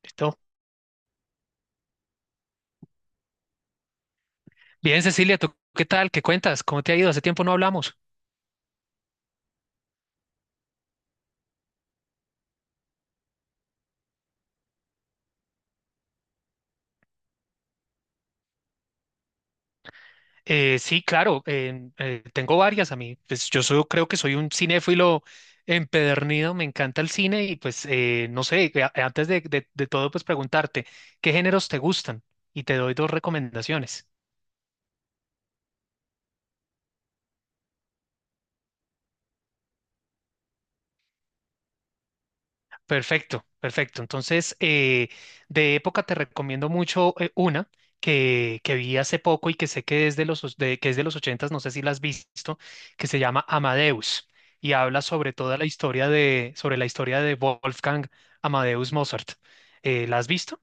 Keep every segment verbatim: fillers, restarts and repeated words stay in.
Listo. Bien, Cecilia, ¿tú qué tal? ¿Qué cuentas? ¿Cómo te ha ido? Hace tiempo no hablamos. Eh, sí, claro, eh, eh, tengo varias a mí. Pues yo soy- creo que soy un cinéfilo empedernido, me encanta el cine y pues eh, no sé, eh, antes de, de de todo pues preguntarte, ¿qué géneros te gustan? Y te doy dos recomendaciones. Perfecto, perfecto. Entonces, eh, de época te recomiendo mucho eh, una que, que vi hace poco y que sé que es de los, os- de- que es de los ochentas, no sé si la has visto, que se llama Amadeus y habla sobre toda la historia de, sobre la historia de Wolfgang Amadeus Mozart. Eh, ¿la has visto?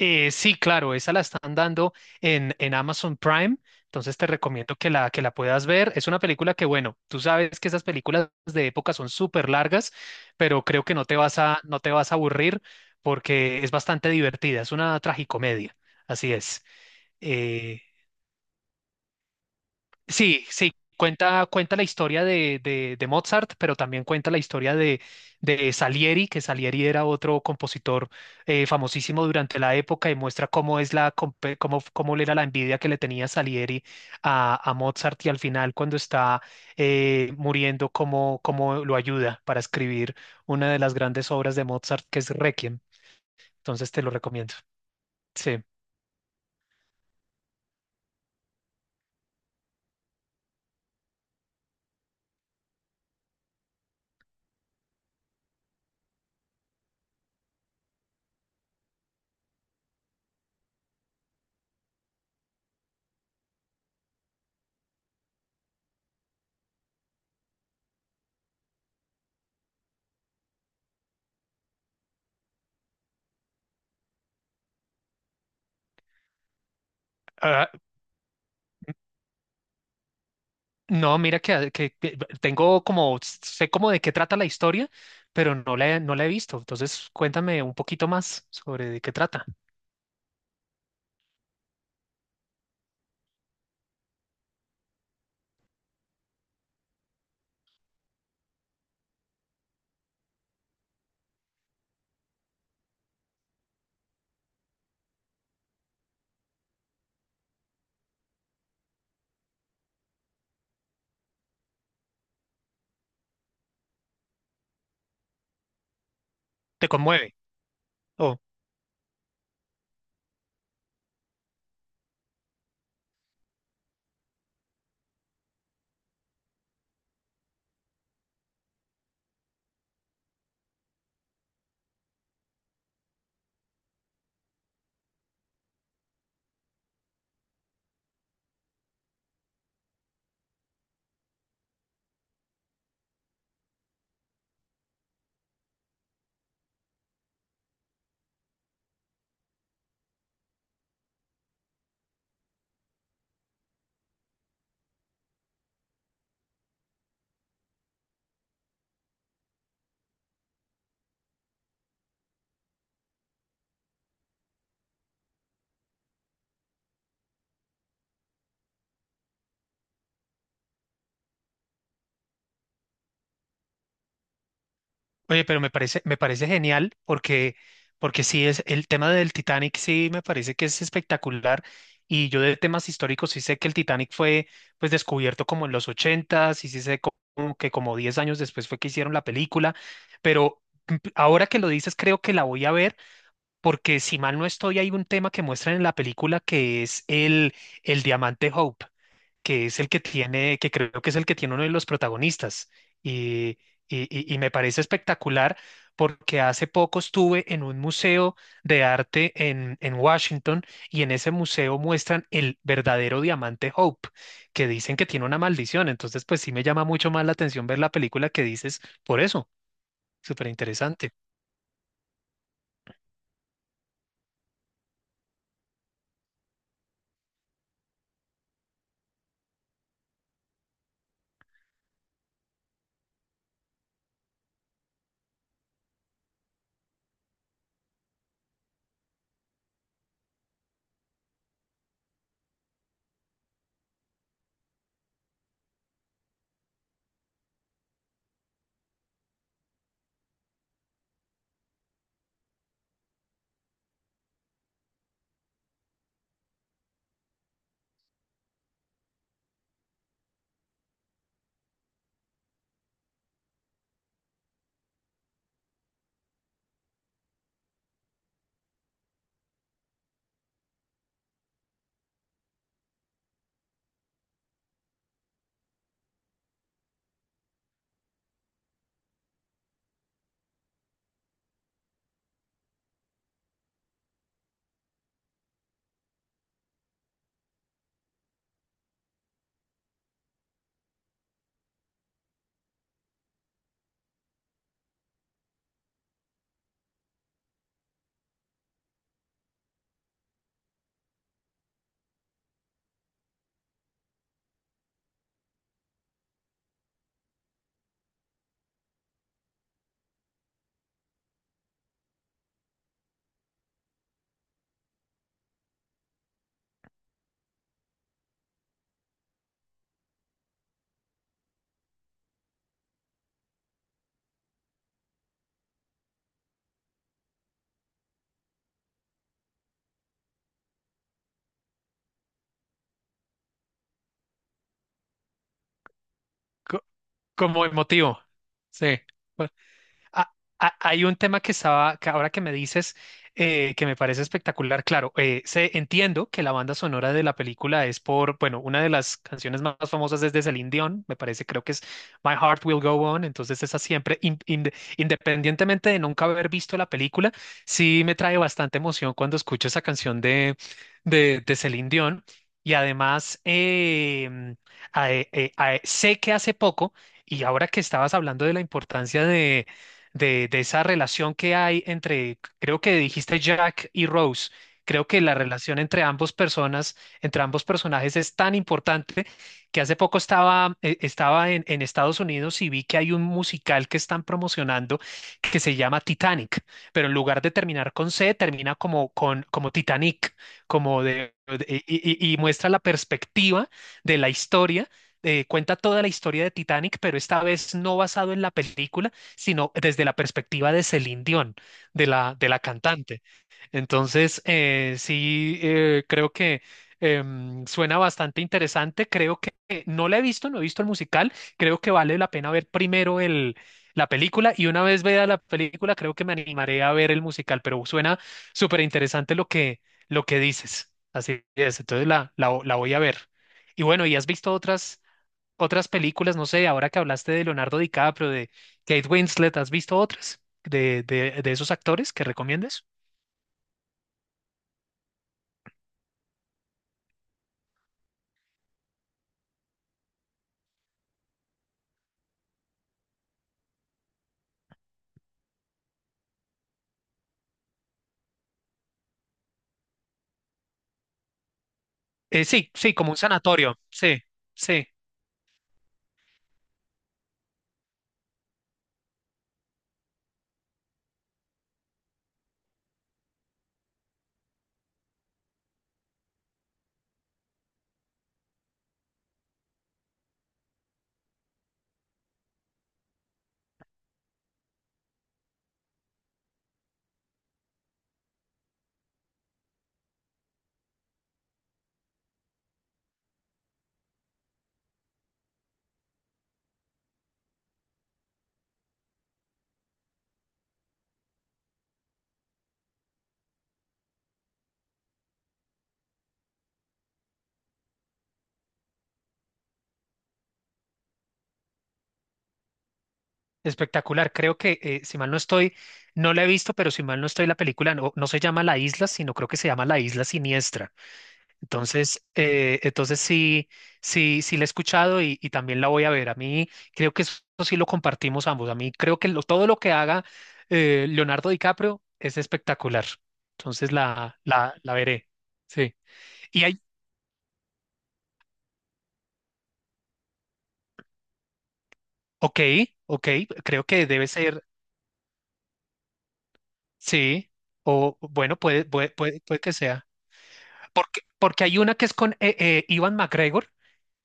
Eh, sí, claro, esa la están dando en, en Amazon Prime, entonces te recomiendo que la, que la puedas ver. Es una película que, bueno, tú sabes que esas películas de época son súper largas, pero creo que no te vas a, no te vas a aburrir porque es bastante divertida, es una tragicomedia, así es. Eh, Sí, sí, cuenta, cuenta la historia de, de, de Mozart, pero también cuenta la historia de, de Salieri, que Salieri era otro compositor eh, famosísimo durante la época y muestra cómo es la, compe- cómo, cómo era la envidia que le tenía Salieri a, a Mozart y al final cuando está eh, muriendo, cómo, cómo lo ayuda para escribir una de las grandes obras de Mozart, que es Requiem. Entonces te lo recomiendo. Sí. Ah, no, mira que, que- que tengo como, sé como de qué trata la historia, pero no la, he- no la he visto. Entonces, cuéntame un poquito más sobre de qué trata. ¿Te conmueve? Oh, oye, pero me parece, me parece genial porque, porque sí es el tema del Titanic, sí me parece que es espectacular. Y yo de temas históricos sí sé que el Titanic fue pues descubierto como en los ochentas, y sí sé co- como que como diez años después fue que hicieron la película, pero mm, ahora que lo dices creo que la voy a ver porque si mal no estoy, hay un tema que muestran en la película que es el, el diamante Hope, que es el que tiene, que creo que es el que tiene uno de los protagonistas. Y, y, y- y me parece espectacular porque hace poco estuve en un museo de arte en, en Washington y en ese museo muestran el verdadero diamante Hope, que dicen que tiene una maldición. Entonces, pues sí me llama mucho más la atención ver la película que dices por eso. Súper interesante. Co- Como emotivo. Sí. Ah, ah, hay un tema que estaba, que ahora que me dices, eh, que me parece espectacular. Claro, eh, sé- entiendo que la banda sonora de la película es por, bueno, una de las canciones más famosas es de Celine Dion, me parece, creo que es My Heart Will Go On. Entonces, esa siempre, in- in- independientemente de nunca haber visto la película, sí me trae bastante emoción cuando escucho esa canción de, de, de Celine Dion. Y además, em, a- eh, eh, a- sé que hace poco, y ahora que estabas hablando de la importancia de de, de esa relación que hay entre, creo que dijiste Jack y Rose. Creo que la relación entre ambos personas, entre ambos personajes es tan importante que hace poco estaba, eh, estaba en, en Estados Unidos y vi que hay un musical que están promocionando que se llama Titanic, pero en lugar de terminar con C, termina como con como Titanic, como de, de- y, y- y muestra la perspectiva de la historia. Eh, cuenta toda la historia de Titanic, pero esta vez no basado en la película, sino desde la perspectiva de Celine Dion, de la, de la cantante. Entonces, eh, sí, eh, creo que em, suena bastante interesante. Creo que eh, no la he visto, no he visto el musical. Creo que vale la pena ver primero el, la película y una vez vea la película, creo que me animaré a ver el musical, pero suena súper interesante lo que, lo que dices. Así es, entonces la, la, la voy a ver. Y bueno, ¿y has visto otras? Otras películas, no sé, ahora que hablaste de Leonardo DiCaprio, de Kate Winslet, ¿has visto otras de, de, de esos actores que recomiendes? Eh, sí, sí, como un sanatorio, sí, sí, espectacular. Creo que, eh, si mal no estoy, no la he visto, pero si mal no estoy, la película no, no se llama La Isla, sino creo que se llama La Isla Siniestra. Entonces, eh, entonces sí, sí, sí la he escuchado y, y también la voy a ver. A mí creo que eso sí lo compartimos ambos. A mí creo que lo- todo lo que haga eh, Leonardo DiCaprio es espectacular. Entonces la, la, la veré. Sí. Y hay, ok, ok, creo que debe ser, sí, o bueno, puede, puede, puede, puede que sea. Porque, porque hay una que es con eh, eh, Ewan McGregor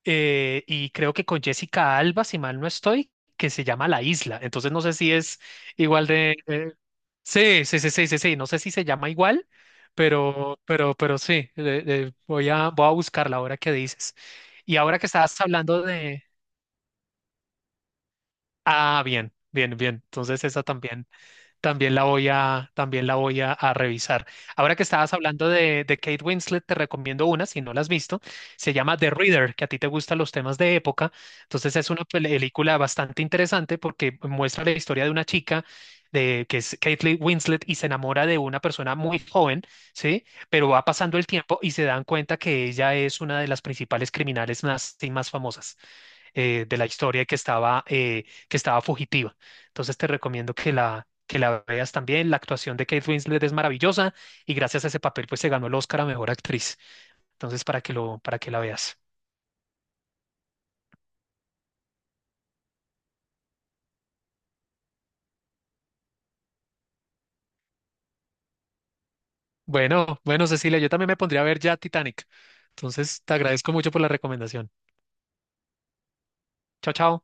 eh, y creo que con Jessica Alba, si mal no estoy, que se llama La Isla. Entonces no sé si es igual de... eh, sí, sí, sí, sí, sí, sí, no sé si se llama igual, pero, pero, pero sí, eh, eh, voy a, voy a buscarla ahora que dices. Y ahora que estabas hablando de... Ah, bien, bien, bien. Entonces esa también también la voy a, también la voy a, a revisar. Ahora que estabas hablando de, de Kate Winslet, te recomiendo una, si no la has visto, se llama The Reader, que a ti te gustan los temas de época. Entonces es una pel- película bastante interesante porque muestra la historia de una chica. De, que es Kate Winslet y se enamora de una persona muy joven, ¿sí? Pero va pasando el tiempo y se dan cuenta que ella es una de las principales criminales más, más famosas eh, de la historia y que estaba, eh, que estaba fugitiva. Entonces te recomiendo que la, que la veas también. La actuación de Kate Winslet es maravillosa y gracias a ese papel pues se ganó el Oscar a Mejor Actriz. Entonces para que lo, para que la veas. Bueno, bueno, Cecilia, yo también me pondría a ver ya Titanic. Entonces te agradezco mucho por la recomendación. Chao, chao.